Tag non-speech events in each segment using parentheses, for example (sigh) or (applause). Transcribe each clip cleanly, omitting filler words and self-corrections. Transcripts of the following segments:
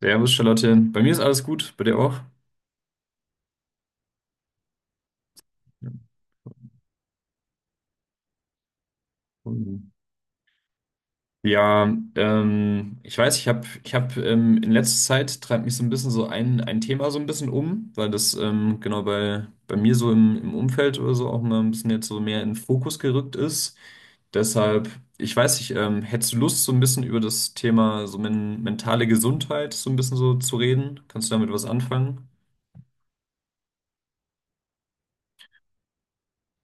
Servus, Charlotte. Bei mir ist alles gut, bei dir auch? Ja, ich weiß, ich hab in letzter Zeit treibt mich so ein bisschen so ein Thema so ein bisschen um, weil das genau bei mir so im Umfeld oder so auch mal ein bisschen jetzt so mehr in den Fokus gerückt ist. Deshalb, ich weiß nicht, hättest du Lust, so ein bisschen über das Thema so mentale Gesundheit so ein bisschen so zu reden? Kannst du damit was anfangen?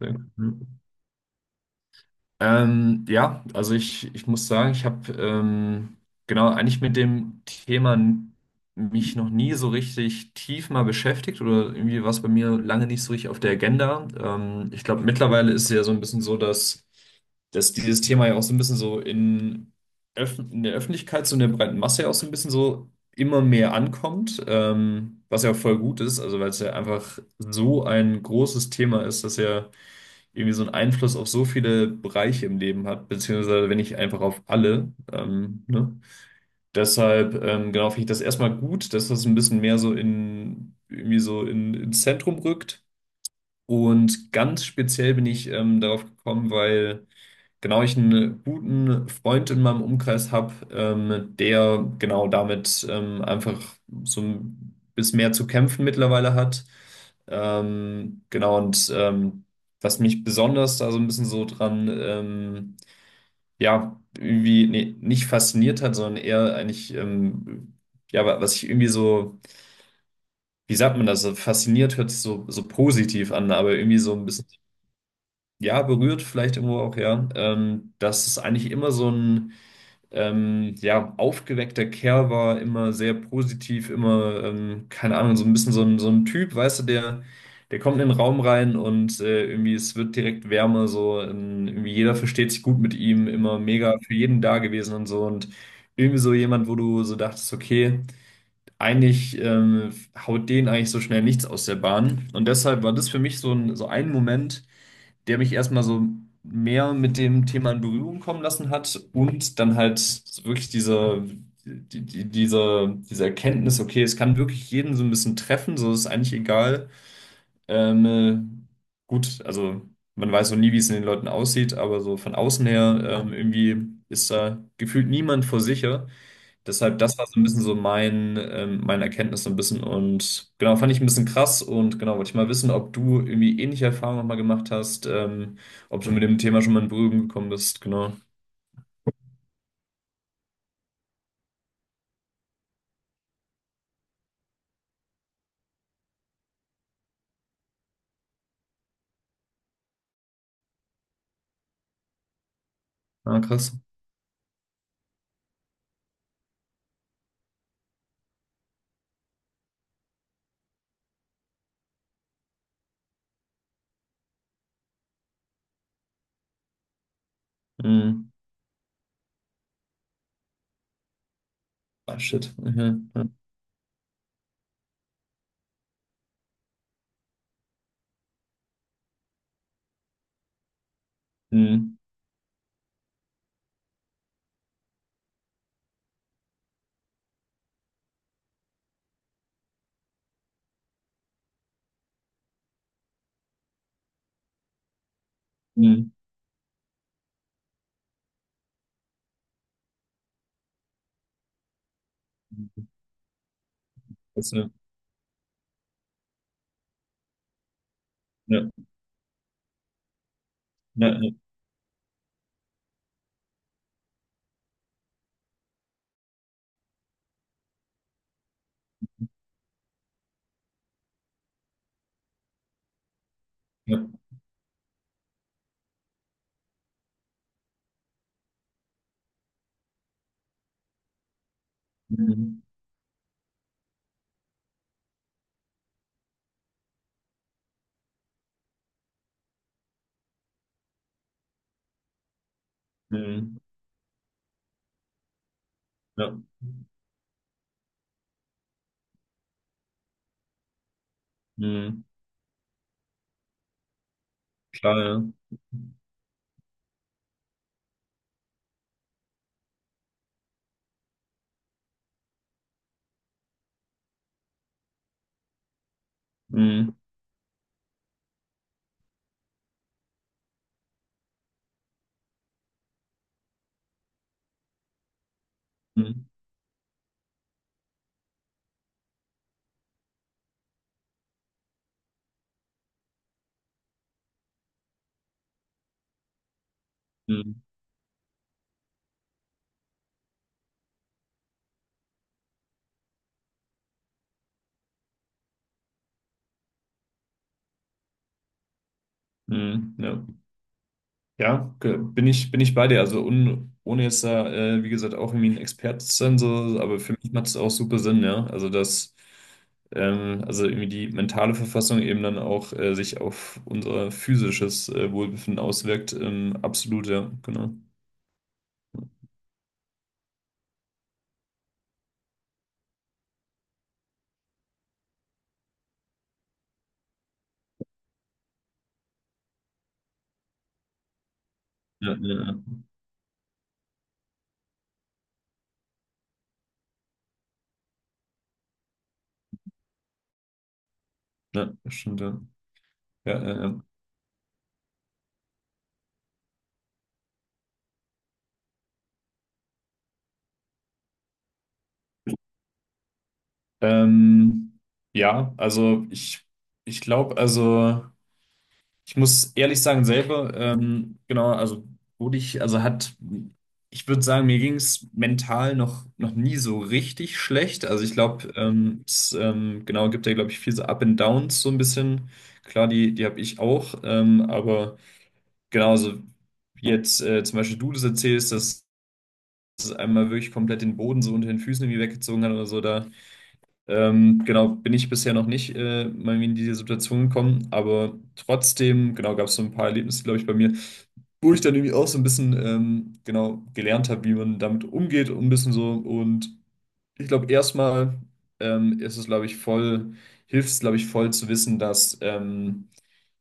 Ja. Also ich muss sagen, ich habe genau eigentlich mit dem mich noch nie so richtig tief mal beschäftigt oder irgendwie war es bei mir lange nicht so richtig auf der Agenda. Ich glaube, mittlerweile ist es ja so ein bisschen so, dass dieses Thema ja auch so ein bisschen so in der Öffentlichkeit, so in der breiten Masse ja auch so ein bisschen so immer mehr ankommt, was ja voll gut ist, also weil es ja einfach so ein großes Thema ist, dass ja irgendwie so einen Einfluss auf so viele Bereiche im Leben hat, beziehungsweise wenn nicht einfach auf alle. Ne? Deshalb, genau, finde ich das erstmal gut, dass das ein bisschen mehr so in, irgendwie so in, ins Zentrum rückt. Und ganz speziell bin ich darauf gekommen, weil genau ich einen guten Freund in meinem Umkreis habe, der genau damit einfach so ein bisschen mehr zu kämpfen mittlerweile hat. Ähm, genau, und ähm, was mich besonders da so ein bisschen so dran, ja, irgendwie nee, nicht fasziniert hat, sondern eher eigentlich, ja, was ich irgendwie so, wie sagt man das, so fasziniert hört sich so, so positiv an, aber irgendwie so ein bisschen ja, berührt vielleicht irgendwo auch, ja. Dass es eigentlich immer so ein ja, aufgeweckter Kerl war, immer sehr positiv, immer, keine Ahnung, so ein bisschen so so ein Typ, weißt du, der, der kommt in den Raum rein und irgendwie es wird direkt wärmer, so irgendwie jeder versteht sich gut mit ihm, immer mega für jeden da gewesen und so und irgendwie so jemand, wo du so dachtest, okay, eigentlich haut den eigentlich so schnell nichts aus der Bahn und deshalb war das für mich so ein Moment, der mich erstmal so mehr mit dem Thema in Berührung kommen lassen hat und dann halt wirklich diese, die, die, diese, diese Erkenntnis, okay, es kann wirklich jeden so ein bisschen treffen, so ist eigentlich egal. Ähm, äh, gut, also man weiß so nie, wie es in den Leuten aussieht, aber so von außen her irgendwie ist da gefühlt niemand vor sicher. Deshalb, das war so ein bisschen so mein, meine Erkenntnis so ein bisschen und genau, fand ich ein bisschen krass und genau, wollte ich mal wissen, ob du irgendwie ähnliche Erfahrungen nochmal gemacht hast, ob du mit dem Thema schon mal in Berührung gekommen bist, genau. Ah, krass. Mhm. Ah, shit. Mhm. Mhm. Mhm. Mhm. Das, äh, Ja, ja, ja, ja. Mhm. Mhm. Ja. Mhm. Klar, ja. Mhm. Mhm. Mhm. Mhm. Ja. Ja, bin ich bei dir. Also un, ohne jetzt da, wie gesagt, auch irgendwie ein Experte zu sein, so, aber für mich macht es auch super Sinn, ja. Also dass also irgendwie die mentale Verfassung eben dann auch sich auf unser physisches Wohlbefinden auswirkt. Absolut, ja, genau. Ja, ja, ja, ja, das stimmt, ja. Ja, ja, ja. Ähm, also ich glaube, also. Ich muss ehrlich sagen, selber, genau, also wurde ich, also hat, ich würde sagen, mir ging es mental noch nie so richtig schlecht. Also ich glaube, es genau gibt ja, glaube ich, viel so Up and Downs so ein bisschen. Klar, die habe ich auch, aber genauso wie jetzt zum Beispiel du das erzählst, dass es einmal wirklich komplett den Boden so unter den Füßen irgendwie weggezogen hat oder so, da genau, bin ich bisher noch nicht mal in diese Situation gekommen, aber trotzdem, genau, gab es so ein paar Erlebnisse, glaube ich, bei mir, wo ich dann irgendwie auch so ein bisschen, genau, gelernt habe, wie man damit umgeht und ein bisschen so und ich glaube, erstmal ist es, glaube ich, voll, hilft es, glaube ich, voll zu wissen, dass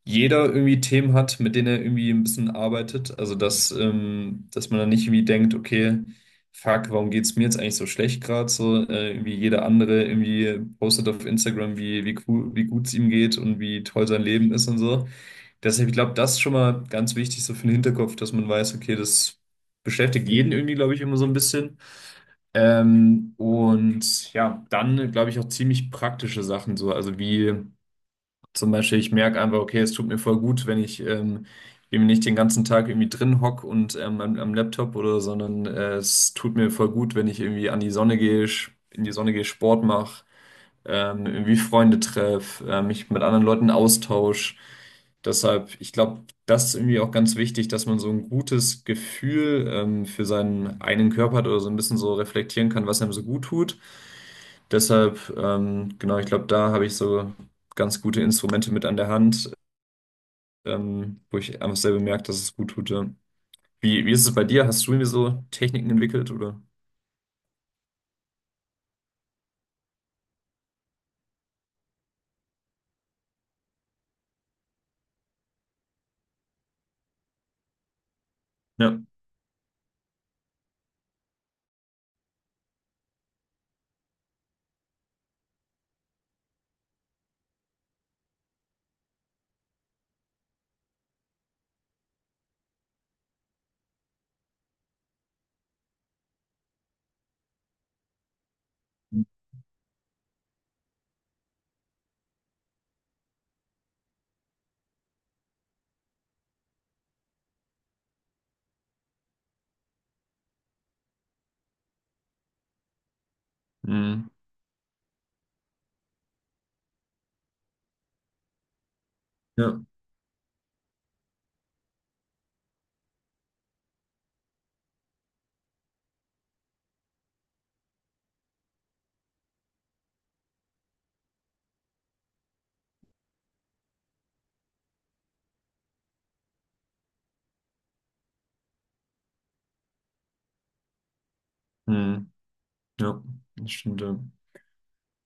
jeder irgendwie Themen hat, mit denen er irgendwie ein bisschen arbeitet. Also, dass man dann nicht irgendwie denkt, okay, fuck, warum geht's mir jetzt eigentlich so schlecht gerade? So, irgendwie jeder andere irgendwie postet auf Instagram, wie cool, wie gut es ihm geht und wie toll sein Leben ist und so. Deshalb, ich glaube, das ist schon mal ganz wichtig, so für den Hinterkopf, dass man weiß, okay, das beschäftigt jeden irgendwie, glaube ich, immer so ein bisschen. Und ja, dann glaube ich auch ziemlich praktische Sachen so. Also wie zum Beispiel, ich merke einfach, okay, es tut mir voll gut, wenn ich eben nicht den ganzen Tag irgendwie drin hock und am Laptop oder, sondern es tut mir voll gut, wenn ich irgendwie an die Sonne gehe, in die Sonne gehe, Sport mache, irgendwie Freunde treffe, mich mit anderen Leuten austausche. Deshalb, ich glaube, das ist irgendwie auch ganz wichtig, dass man so ein gutes Gefühl für seinen eigenen Körper hat oder so ein bisschen so reflektieren kann, was einem so gut tut. Deshalb, genau, ich glaube, da habe ich so ganz gute Instrumente mit an der Hand, wo ich einfach selber merke, dass es gut tut. Ja. Wie ist es bei dir? Hast du irgendwie so Techniken entwickelt oder? Ja. Mhm. Ja. Mhm. Ja. Das stimmt. Ja.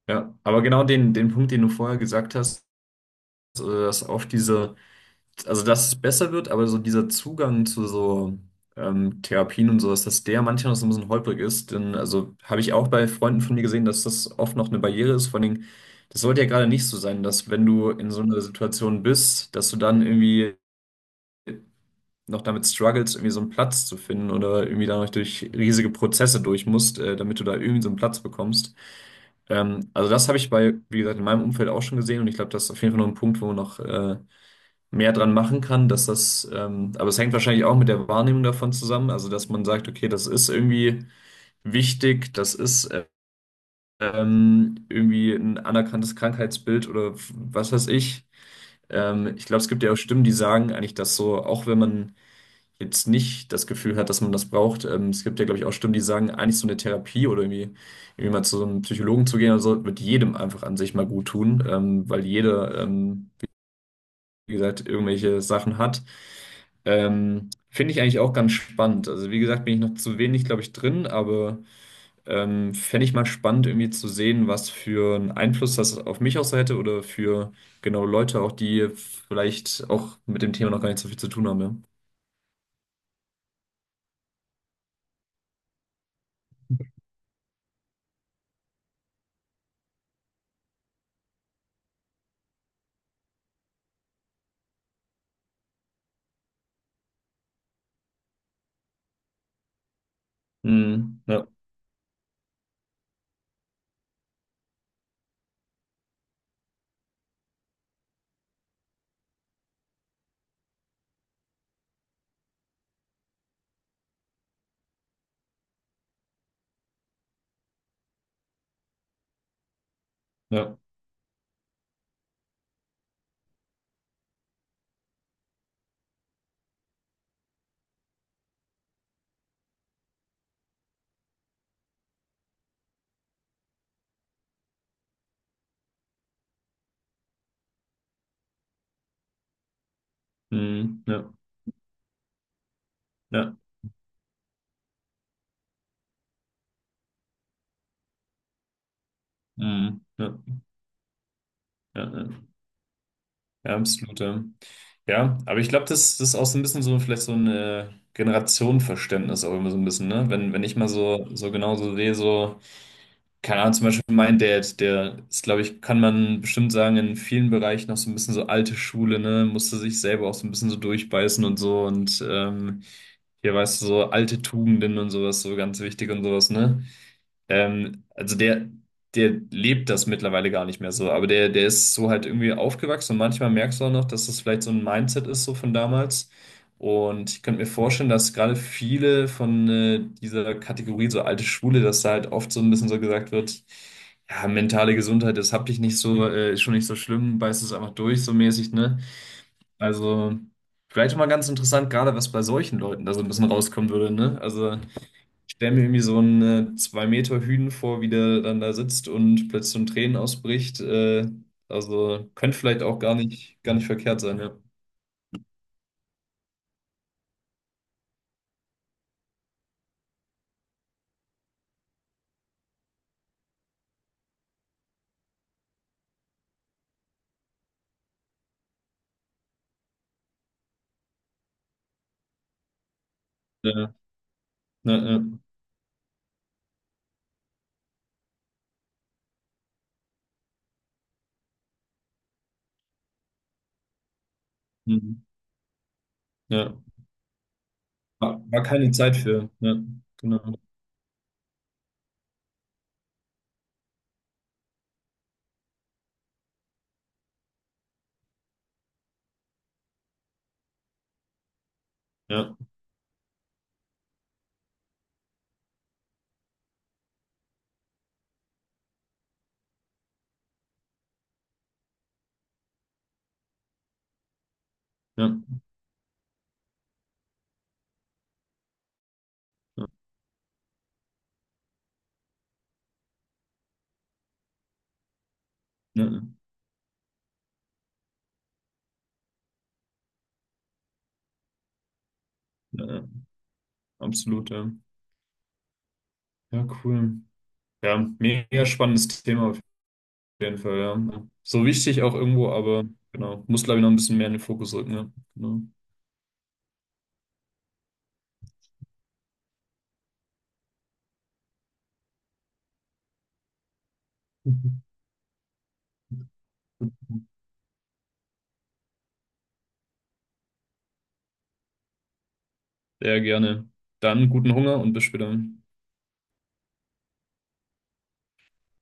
Ja, aber genau den Punkt, den du vorher gesagt hast, dass oft diese, also dass es besser wird, aber so dieser Zugang zu so Therapien und sowas, dass der manchmal noch so ein bisschen holprig ist. Denn also habe ich auch bei Freunden von mir gesehen, dass das oft noch eine Barriere ist. Vor allen Dingen, das sollte ja gerade nicht so sein, dass wenn du in so einer Situation bist, dass du dann irgendwie noch damit struggles, irgendwie so einen Platz zu finden oder irgendwie da noch durch riesige Prozesse durch musst, damit du da irgendwie so einen Platz bekommst. Also das habe ich bei, wie gesagt, in meinem Umfeld auch schon gesehen und ich glaube, das ist auf jeden Fall noch ein Punkt, wo man noch mehr dran machen kann, aber es hängt wahrscheinlich auch mit der Wahrnehmung davon zusammen, also dass man sagt, okay, das ist irgendwie wichtig, das ist irgendwie ein anerkanntes Krankheitsbild oder was weiß ich. Ich glaube, es gibt ja auch Stimmen, die sagen eigentlich, dass so, auch wenn man jetzt nicht das Gefühl hat, dass man das braucht. Es gibt ja, glaube ich, auch Stimmen, die sagen, eigentlich so eine Therapie oder irgendwie mal zu so einem Psychologen zu gehen, also wird jedem einfach an sich mal gut tun, weil jeder, wie gesagt, irgendwelche Sachen hat. Finde ich eigentlich auch ganz spannend. Also wie gesagt, bin ich noch zu wenig, glaube ich, drin, aber fände ich mal spannend, irgendwie zu sehen, was für einen Einfluss das auf mich auch so hätte oder für genau Leute auch, die vielleicht auch mit dem Thema noch gar nicht so viel zu tun haben. Ja. Mhm. Ja, ja. Mhm. Ja, ja, mhm. Ja, ja, ja, ja, absolut. Ja, ja, aber ich glaube, das ist auch so ein bisschen so, vielleicht so ein Generationenverständnis auch immer so ein bisschen, ne? Wenn ich mal so, so genau so sehe, so, keine Ahnung, zum Beispiel mein Dad, der ist, glaube ich, kann man bestimmt sagen, in vielen Bereichen noch so ein bisschen so alte Schule, ne? Musste sich selber auch so ein bisschen so durchbeißen und so und hier weißt du, so alte Tugenden und sowas, so ganz wichtig und sowas, ne? Also der lebt das mittlerweile gar nicht mehr so, aber der ist so halt irgendwie aufgewachsen und manchmal merkst du auch noch, dass das vielleicht so ein Mindset ist, so von damals. Und ich könnte mir vorstellen, dass gerade viele von dieser Kategorie, so alte Schwule, dass da halt oft so ein bisschen so gesagt wird, ja, mentale Gesundheit, das hab ich nicht so, ist schon nicht so schlimm, beißt es einfach durch, so mäßig, ne? Also, vielleicht mal ganz interessant, gerade was bei solchen Leuten da so ein bisschen rauskommen würde, ne? Also. Ich stelle mir irgendwie so einen 2 Meter Hünen vor, wie der dann da sitzt und plötzlich so in Tränen ausbricht. Also könnte vielleicht auch gar nicht verkehrt sein, ja. Ja, ja, ja. Mhm. Ja. War, war keine Zeit für. Ja, genau. Ja, ja, ja, ja, ja, ja, absolut, ja. Ja, cool. Ja, mega spannendes Thema auf jeden Fall, ja. So wichtig auch irgendwo, aber genau, muss glaube ich noch ein bisschen mehr in den Fokus rücken, ja. Genau. (laughs) Sehr gerne. Dann guten Hunger und bis später.